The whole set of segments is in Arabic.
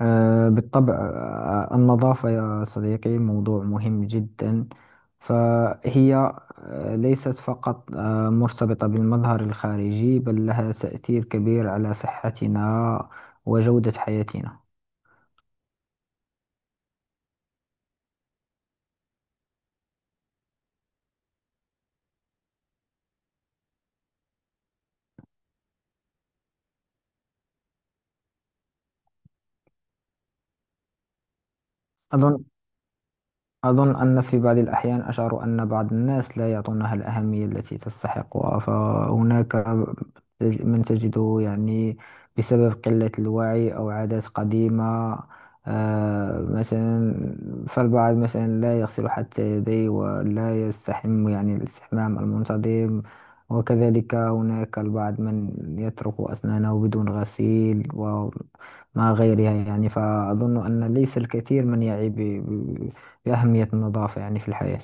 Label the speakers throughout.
Speaker 1: بالطبع، النظافة يا صديقي موضوع مهم جدا. فهي ليست فقط مرتبطة بالمظهر الخارجي، بل لها تأثير كبير على صحتنا وجودة حياتنا. أظن أظن أن في بعض الأحيان أشعر أن بعض الناس لا يعطونها الأهمية التي تستحقها. فهناك من تجده يعني بسبب قلة الوعي أو عادات قديمة. مثلا فالبعض مثلا لا يغسل حتى يديه ولا يستحم، يعني الاستحمام المنتظم. وكذلك هناك البعض من يترك أسنانه بدون غسيل وما غيرها، يعني فأظن أن ليس الكثير من يعي أهمية النظافة يعني في الحياة.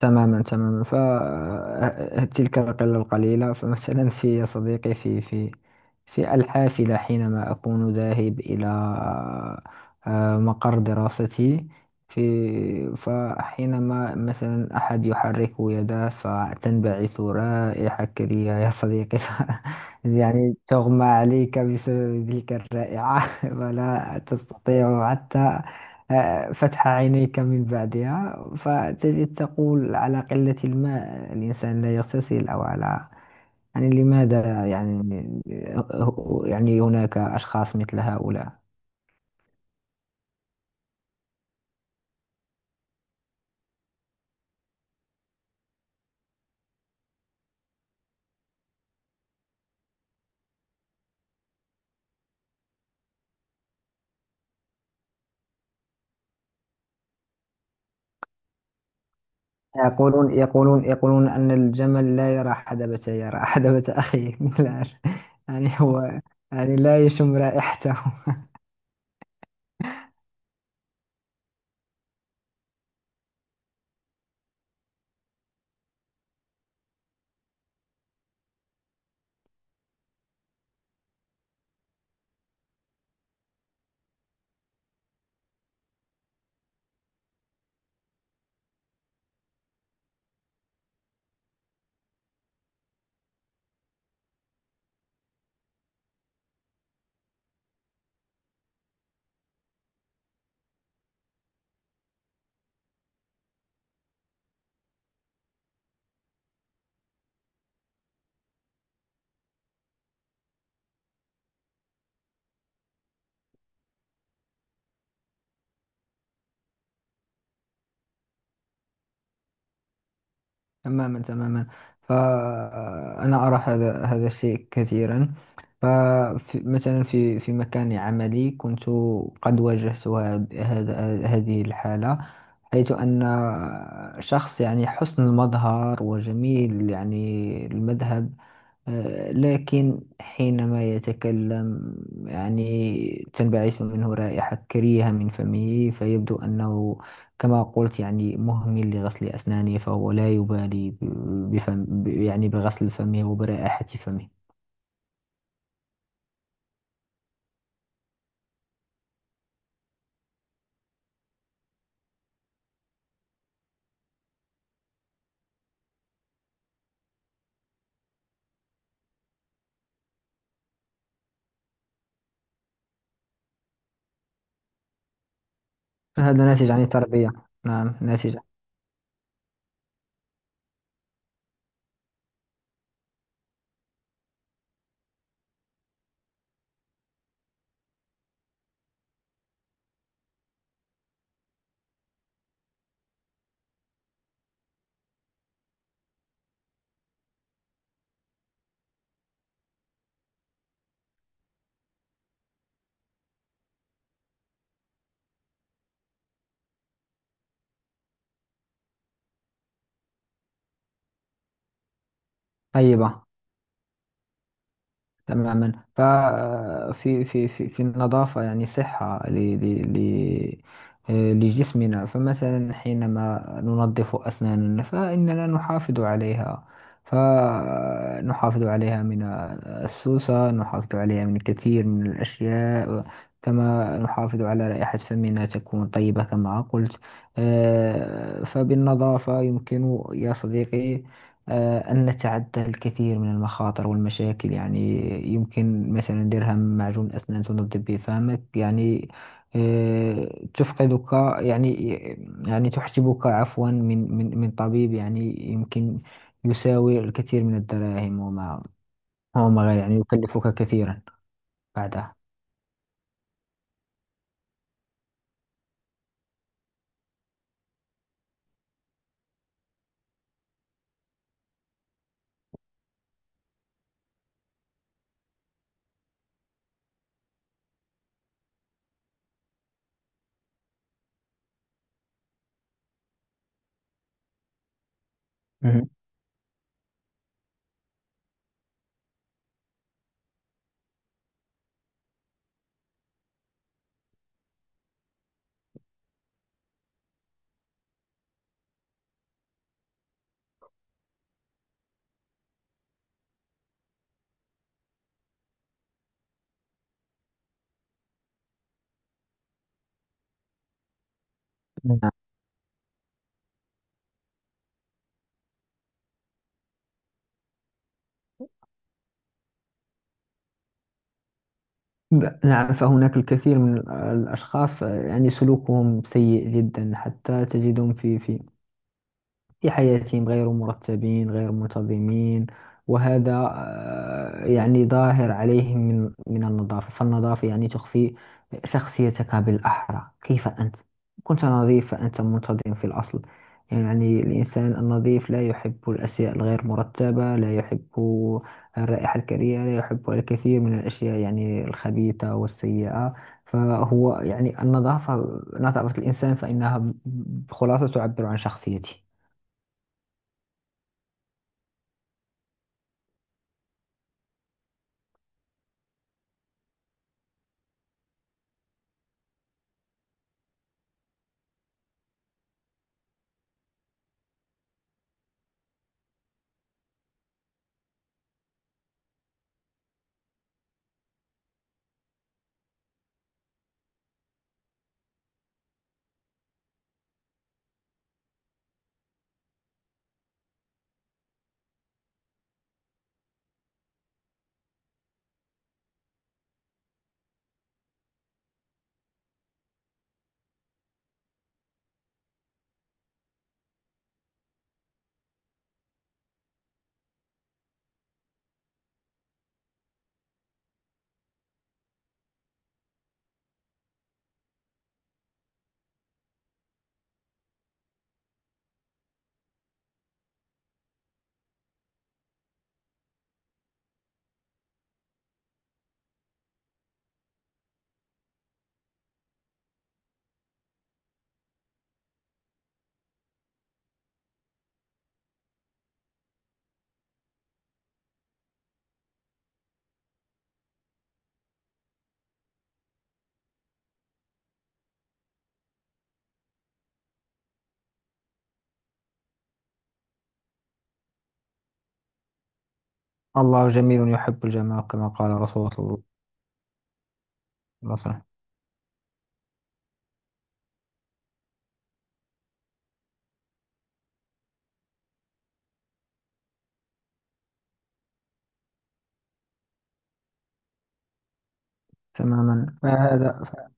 Speaker 1: تماما، تماما، فتلك القلة القليلة. فمثلا في يا صديقي في الحافلة حينما أكون ذاهب إلى مقر دراستي. فحينما مثلا أحد يحرك يده فتنبعث رائحة كريهة يا صديقي يعني تغمى عليك بسبب تلك الرائحة ولا تستطيع حتى فتح عينيك من بعدها. فتجد تقول على قلة الماء الإنسان لا يغتسل، أو على يعني لماذا يعني يعني هناك أشخاص مثل هؤلاء. يقولون أن الجمل لا يرى حدبة، يرى حدبة أخيه. لا يعني هو يعني لا يشم رائحته. تماما، تماما، فأنا أرى هذا الشيء كثيرا. فمثلا في مكان عملي كنت قد واجهت هاد- هذا هذه الحالة، حيث أن شخص يعني حسن المظهر وجميل يعني المذهب، لكن حينما يتكلم يعني تنبعث منه رائحة كريهة من فمه. فيبدو أنه كما قلت يعني مهمل لغسل أسنانه، فهو لا يبالي يعني بغسل فمه وبرائحة فمه. فهذا ناتج عن التربية. نعم، طيبة. تماما ففي في في في النظافة يعني صحة ل ل ل لجسمنا. فمثلا حينما ننظف أسناننا فإننا نحافظ عليها، فنحافظ عليها من السوسة، نحافظ عليها من الكثير من الأشياء، كما نحافظ على رائحة فمنا تكون طيبة كما قلت. فبالنظافة يمكن يا صديقي أن نتعدى الكثير من المخاطر والمشاكل يعني. يمكن مثلا درهم معجون أسنان تنضب به فمك يعني تفقدك يعني يعني تحجبك عفوا من طبيب يعني يمكن يساوي الكثير من الدراهم وما غير يعني يكلفك كثيرا بعدها. مهم. مهم. نعم، فهناك الكثير من الأشخاص يعني سلوكهم سيء جدا. حتى تجدهم في حياتهم غير مرتبين غير منتظمين، وهذا يعني ظاهر عليهم من من النظافة. فالنظافة يعني تخفي شخصيتك، بالأحرى كيف أنت. كنت نظيف فأنت منتظم في الأصل، يعني الإنسان النظيف لا يحب الأشياء الغير مرتبة، لا يحب الرائحة الكريهة، لا يحب الكثير من الأشياء يعني الخبيثة والسيئة. فهو يعني النظافة نظافة الإنسان فإنها بخلاصة تعبر عن شخصيته. الله جميل يحب الجمال، كما قال رسول الله صلى الله عليه وسلم. تماما، فهذا ف...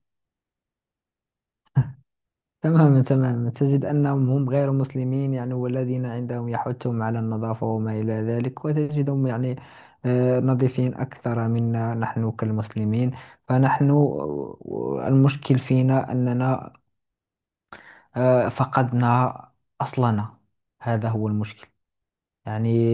Speaker 1: تماما، تماما، تجد أنهم هم غير مسلمين يعني، والذين عندهم يحثهم على النظافة وما إلى ذلك، وتجدهم يعني نظيفين أكثر منا نحن كالمسلمين. فنحن المشكل فينا أننا فقدنا أصلنا، هذا هو المشكل. يعني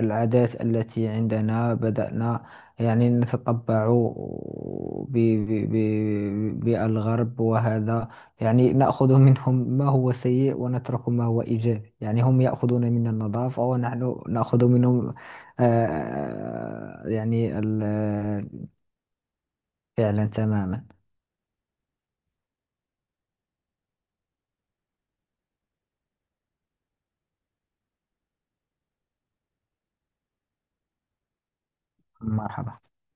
Speaker 1: العادات التي عندنا بدأنا يعني نتطبع بالغرب، وهذا يعني نأخذ منهم ما هو سيء ونترك ما هو إيجابي. يعني هم يأخذون منا النظافة، ونحن نأخذ منهم يعني فعلا تماما. مرحبا.